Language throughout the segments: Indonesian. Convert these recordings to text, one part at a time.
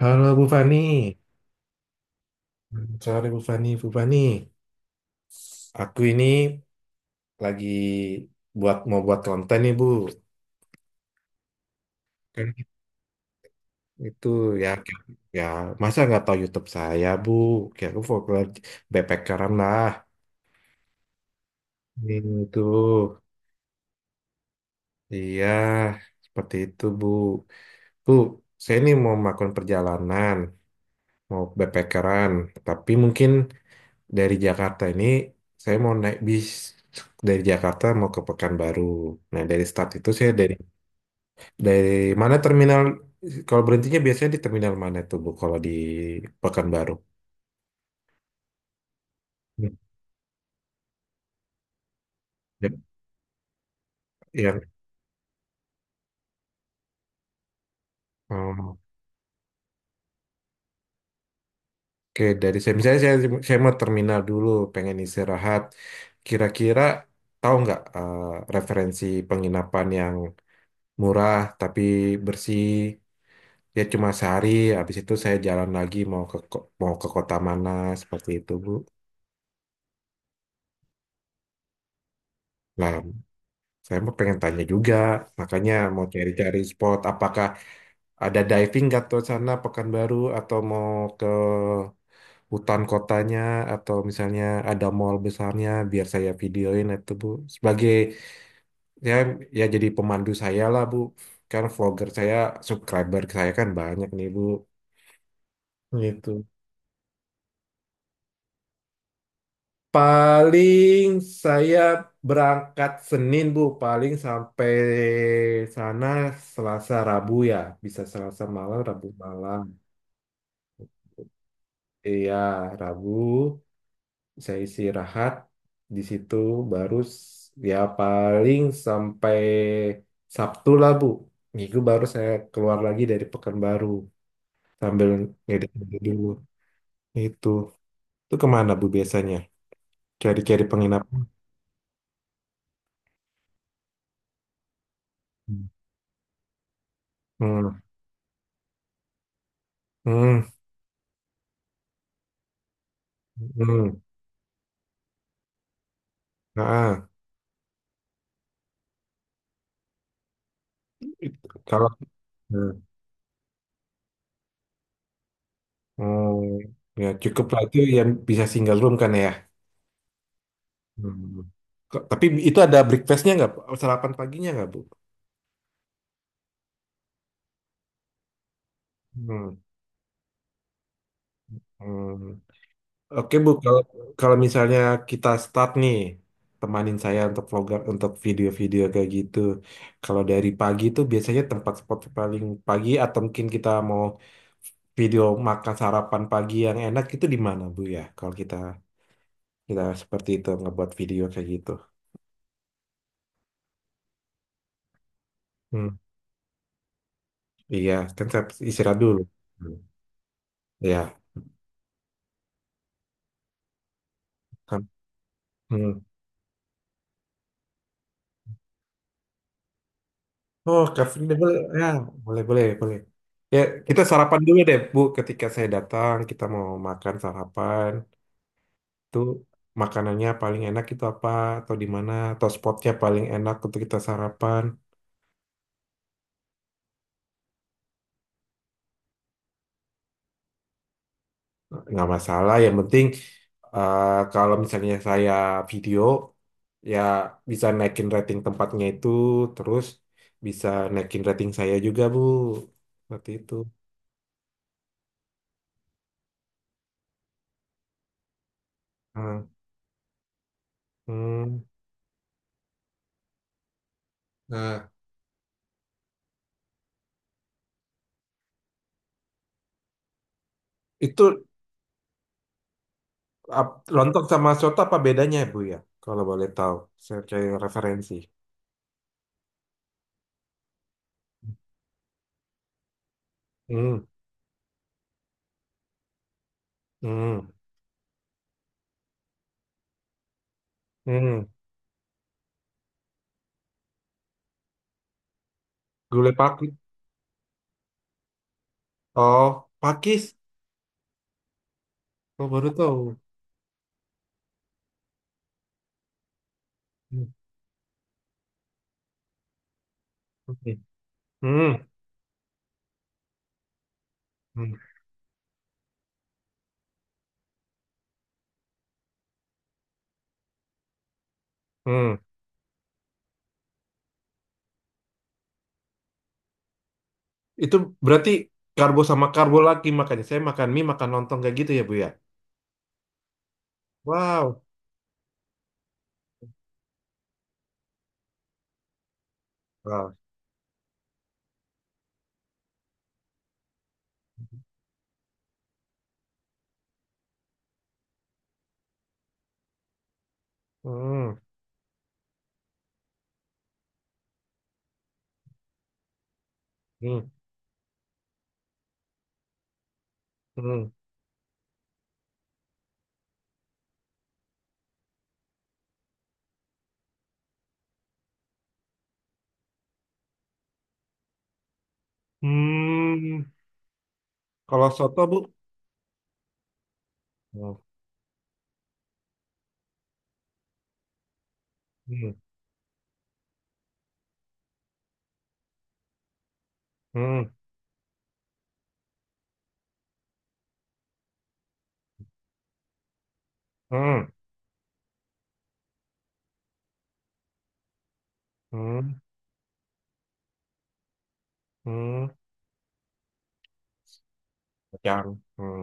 Halo Bu Fani, sore Bu Fani, Bu Fani. Aku ini lagi mau buat konten nih Bu. Kan itu ya ya masa nggak tahu YouTube saya Bu. Kayak aku fokus backpackeran lah. Itu iya seperti itu Bu. Bu, saya ini mau melakukan perjalanan, mau backpackeran, tapi mungkin dari Jakarta ini saya mau naik bis dari Jakarta mau ke Pekanbaru. Nah, dari start itu saya dari mana terminal kalau berhentinya biasanya di terminal mana tuh Bu kalau di Pekanbaru? Hmm. Yap, Yang um, oke dari saya misalnya saya mau terminal dulu pengen istirahat. Kira-kira tahu nggak referensi penginapan yang murah tapi bersih. Ya cuma sehari, habis itu saya jalan lagi mau ke kota mana seperti itu, Bu. Nah, saya mau pengen tanya juga, makanya mau cari-cari spot apakah ada diving nggak tuh sana Pekanbaru atau mau ke hutan kotanya atau misalnya ada mall besarnya biar saya videoin itu, Bu. Sebagai ya ya jadi pemandu saya lah, Bu. Karena vlogger saya, subscriber saya kan banyak nih, Bu. Gitu. Paling saya berangkat Senin, Bu. Paling sampai sana Selasa Rabu ya. Bisa Selasa malam, Rabu malam. Iya, Rabu saya istirahat di situ baru ya paling sampai Sabtu lah, Bu. Minggu baru saya keluar lagi dari Pekanbaru sambil ngedit-ngedit dulu. Itu. Itu kemana, Bu, biasanya? Cari-cari penginapan. Hmm. Hmm. Hmm. Nah, it- kalau nah, hmm, ya cukup lah itu yang bisa single room kan ya. Hmm. Tapi itu ada breakfastnya nggak, Bu? Sarapan paginya nggak, Bu? Hmm. Hmm. Oke, Bu, kalau kalau misalnya kita start nih, temanin saya untuk vlogger, untuk video-video kayak gitu. Kalau dari pagi itu biasanya tempat spot paling pagi atau mungkin kita mau video makan sarapan pagi yang enak itu di mana, Bu ya? Kalau kita kita seperti itu ngebuat video kayak gitu. Hmm. Iya, kan saya istirahat dulu. Iya. Kan. Hmm. Oh, Kak Frida, ya, boleh, boleh, boleh. Ya, kita sarapan dulu deh, Bu. Ketika saya datang, kita mau makan sarapan. Itu makanannya paling enak itu apa? Atau di mana? Atau spotnya paling enak untuk kita sarapan? Nggak masalah. Yang penting, kalau misalnya saya video, ya bisa naikin rating tempatnya itu. Terus bisa naikin rating saya juga, Bu. Seperti itu. Hmm. Hmm. Nah, itu lontong sama soto apa bedanya Bu ya? Kalau boleh tahu, saya cari referensi. Hmm, hmm, hmm. Gulai pakis. Oh, pakis. Oh, baru tahu. Hmm, oke. Hmm, hmm, hmm. Itu berarti karbo sama karbo lagi makanya. Saya makan mie, makan lontong kayak gitu ya Bu ya? Wow. Wow. Hmm, hmm, hmm. Hmm. Kalau soto Bu? Oh, hmm, hmm, hmm, hmm. Hmm. yang hmm,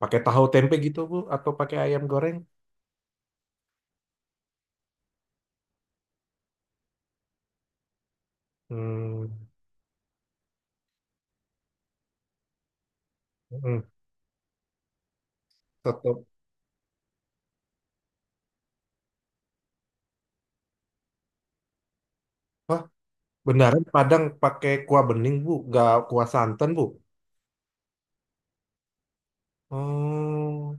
pakai tahu tempe gitu Bu atau pakai ayam goreng. Hmm, hmm, tetap. Wah, beneran Padang pakai kuah bening Bu gak kuah santan Bu? Oh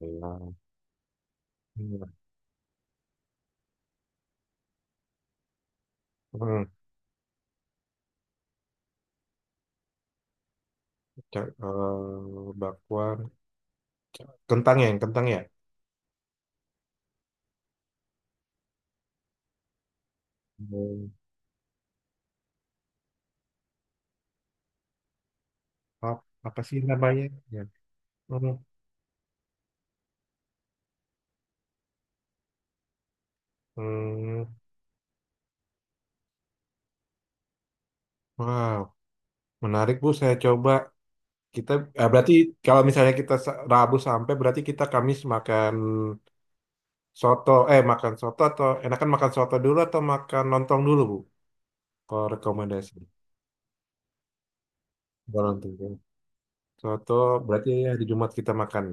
iya. Hmm, hmm, bakwan. Kentang ya kentang ya. Hmm, apa sih namanya ya. Hmm, hmm, wow menarik Bu saya coba kita berarti kalau misalnya kita Rabu sampai berarti kita Kamis makan. Soto, eh makan soto atau enakan makan soto dulu atau makan lontong dulu, Bu? Kalau rekomendasi. Kalau lontong ya. Soto berarti ya di Jumat kita makan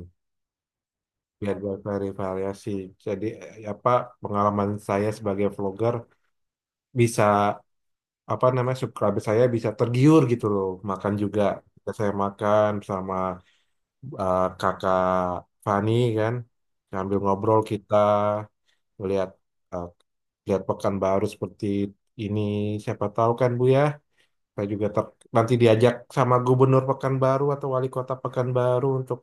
biar bervariasi variasi. Jadi apa pengalaman saya sebagai vlogger bisa apa namanya subscriber saya bisa tergiur gitu loh makan juga. Ketika saya makan sama kakak Fani kan sambil ngobrol kita lihat eh, lihat Pekanbaru seperti ini siapa tahu kan Bu ya. Saya juga nanti diajak sama gubernur Pekanbaru atau wali kota Pekanbaru untuk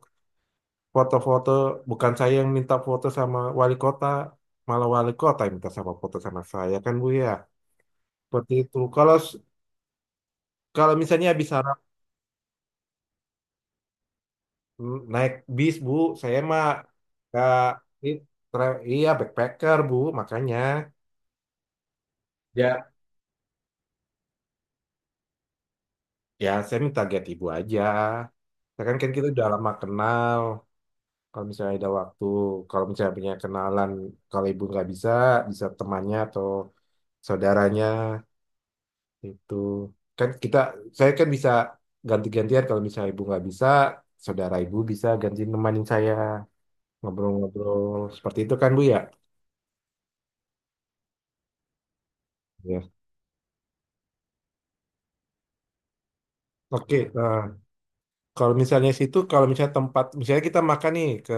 foto-foto. Bukan saya yang minta foto sama wali kota, malah wali kota yang minta sama foto sama saya kan Bu ya. Seperti itu. Kalau misalnya habis harap naik bis Bu, saya mah nggak i- iya backpacker Bu, makanya ya ya saya minta get ibu aja. Ya kan kan kita udah lama kenal. Kalau misalnya ada waktu, kalau misalnya punya kenalan, kalau ibu nggak bisa, bisa temannya atau saudaranya itu. Kan kita, saya kan bisa ganti-gantian kalau misalnya ibu nggak bisa, saudara ibu bisa ganti nemanin saya ngobrol-ngobrol seperti itu kan Bu ya? Ya. Oke, kalau misalnya situ, kalau misalnya tempat, misalnya kita makan nih ke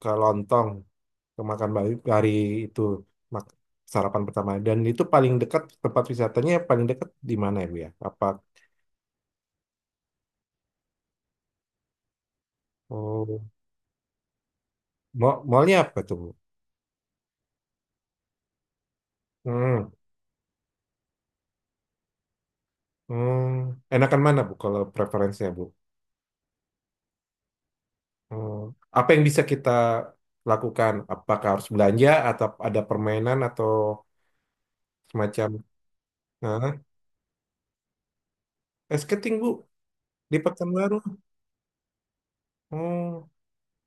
ke lontong, ke makan hari itu mak- sarapan pertama dan itu paling dekat tempat wisatanya paling dekat di mana ya Bu ya? Apa. Oh, mallnya apa tuh, Bu? Hmm, hmm. Enakan mana, Bu, kalau preferensinya, Bu? Hmm. Apa yang bisa kita lakukan? Apakah harus belanja atau ada permainan atau semacam? Nah, skating, Bu, di Pekanbaru. Oh,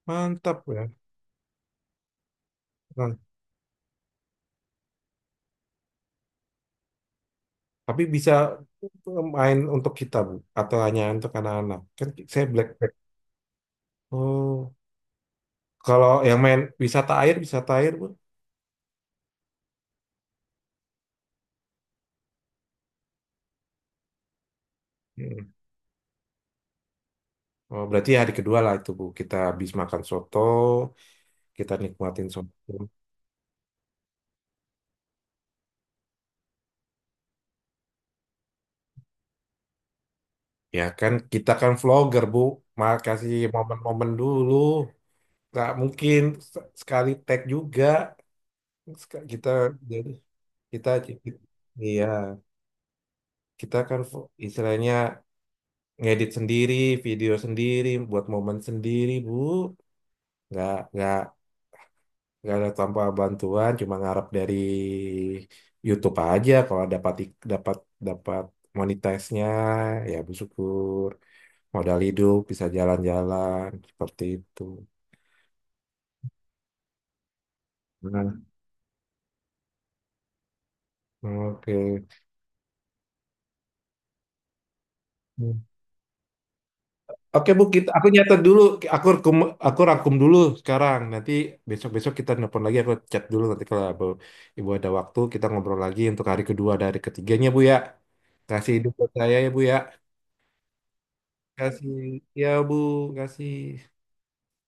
mantap ya. Nah, tapi bisa main untuk kita, Bu, atau hanya untuk anak-anak? Kan saya black belt. Oh, kalau yang main wisata air, Bu. Hmm. Oh, berarti hari kedua lah itu Bu. Kita habis makan soto, kita nikmatin semua ya kan kita kan vlogger Bu. Mal kasih momen-momen dulu nggak mungkin sekali tag juga. Kita jadi kita iya kita kan istilahnya ngedit sendiri video sendiri buat momen sendiri Bu nggak nggak nggak ada tanpa bantuan cuma ngarep dari YouTube aja kalau dapat ik- dapat dapat monetize-nya ya bersyukur modal hidup bisa jalan-jalan seperti itu. Nah, oke. Hmm. Oke Bu, kita, aku nyatet dulu, aku rangkum, aku rangkum dulu sekarang. Nanti besok-besok kita nelpon lagi, aku chat dulu nanti kalau Bu, Ibu ada waktu kita ngobrol lagi untuk hari kedua dari ketiganya Bu ya. Kasih hidup buat saya ya Bu ya. Kasih ya Bu, kasih.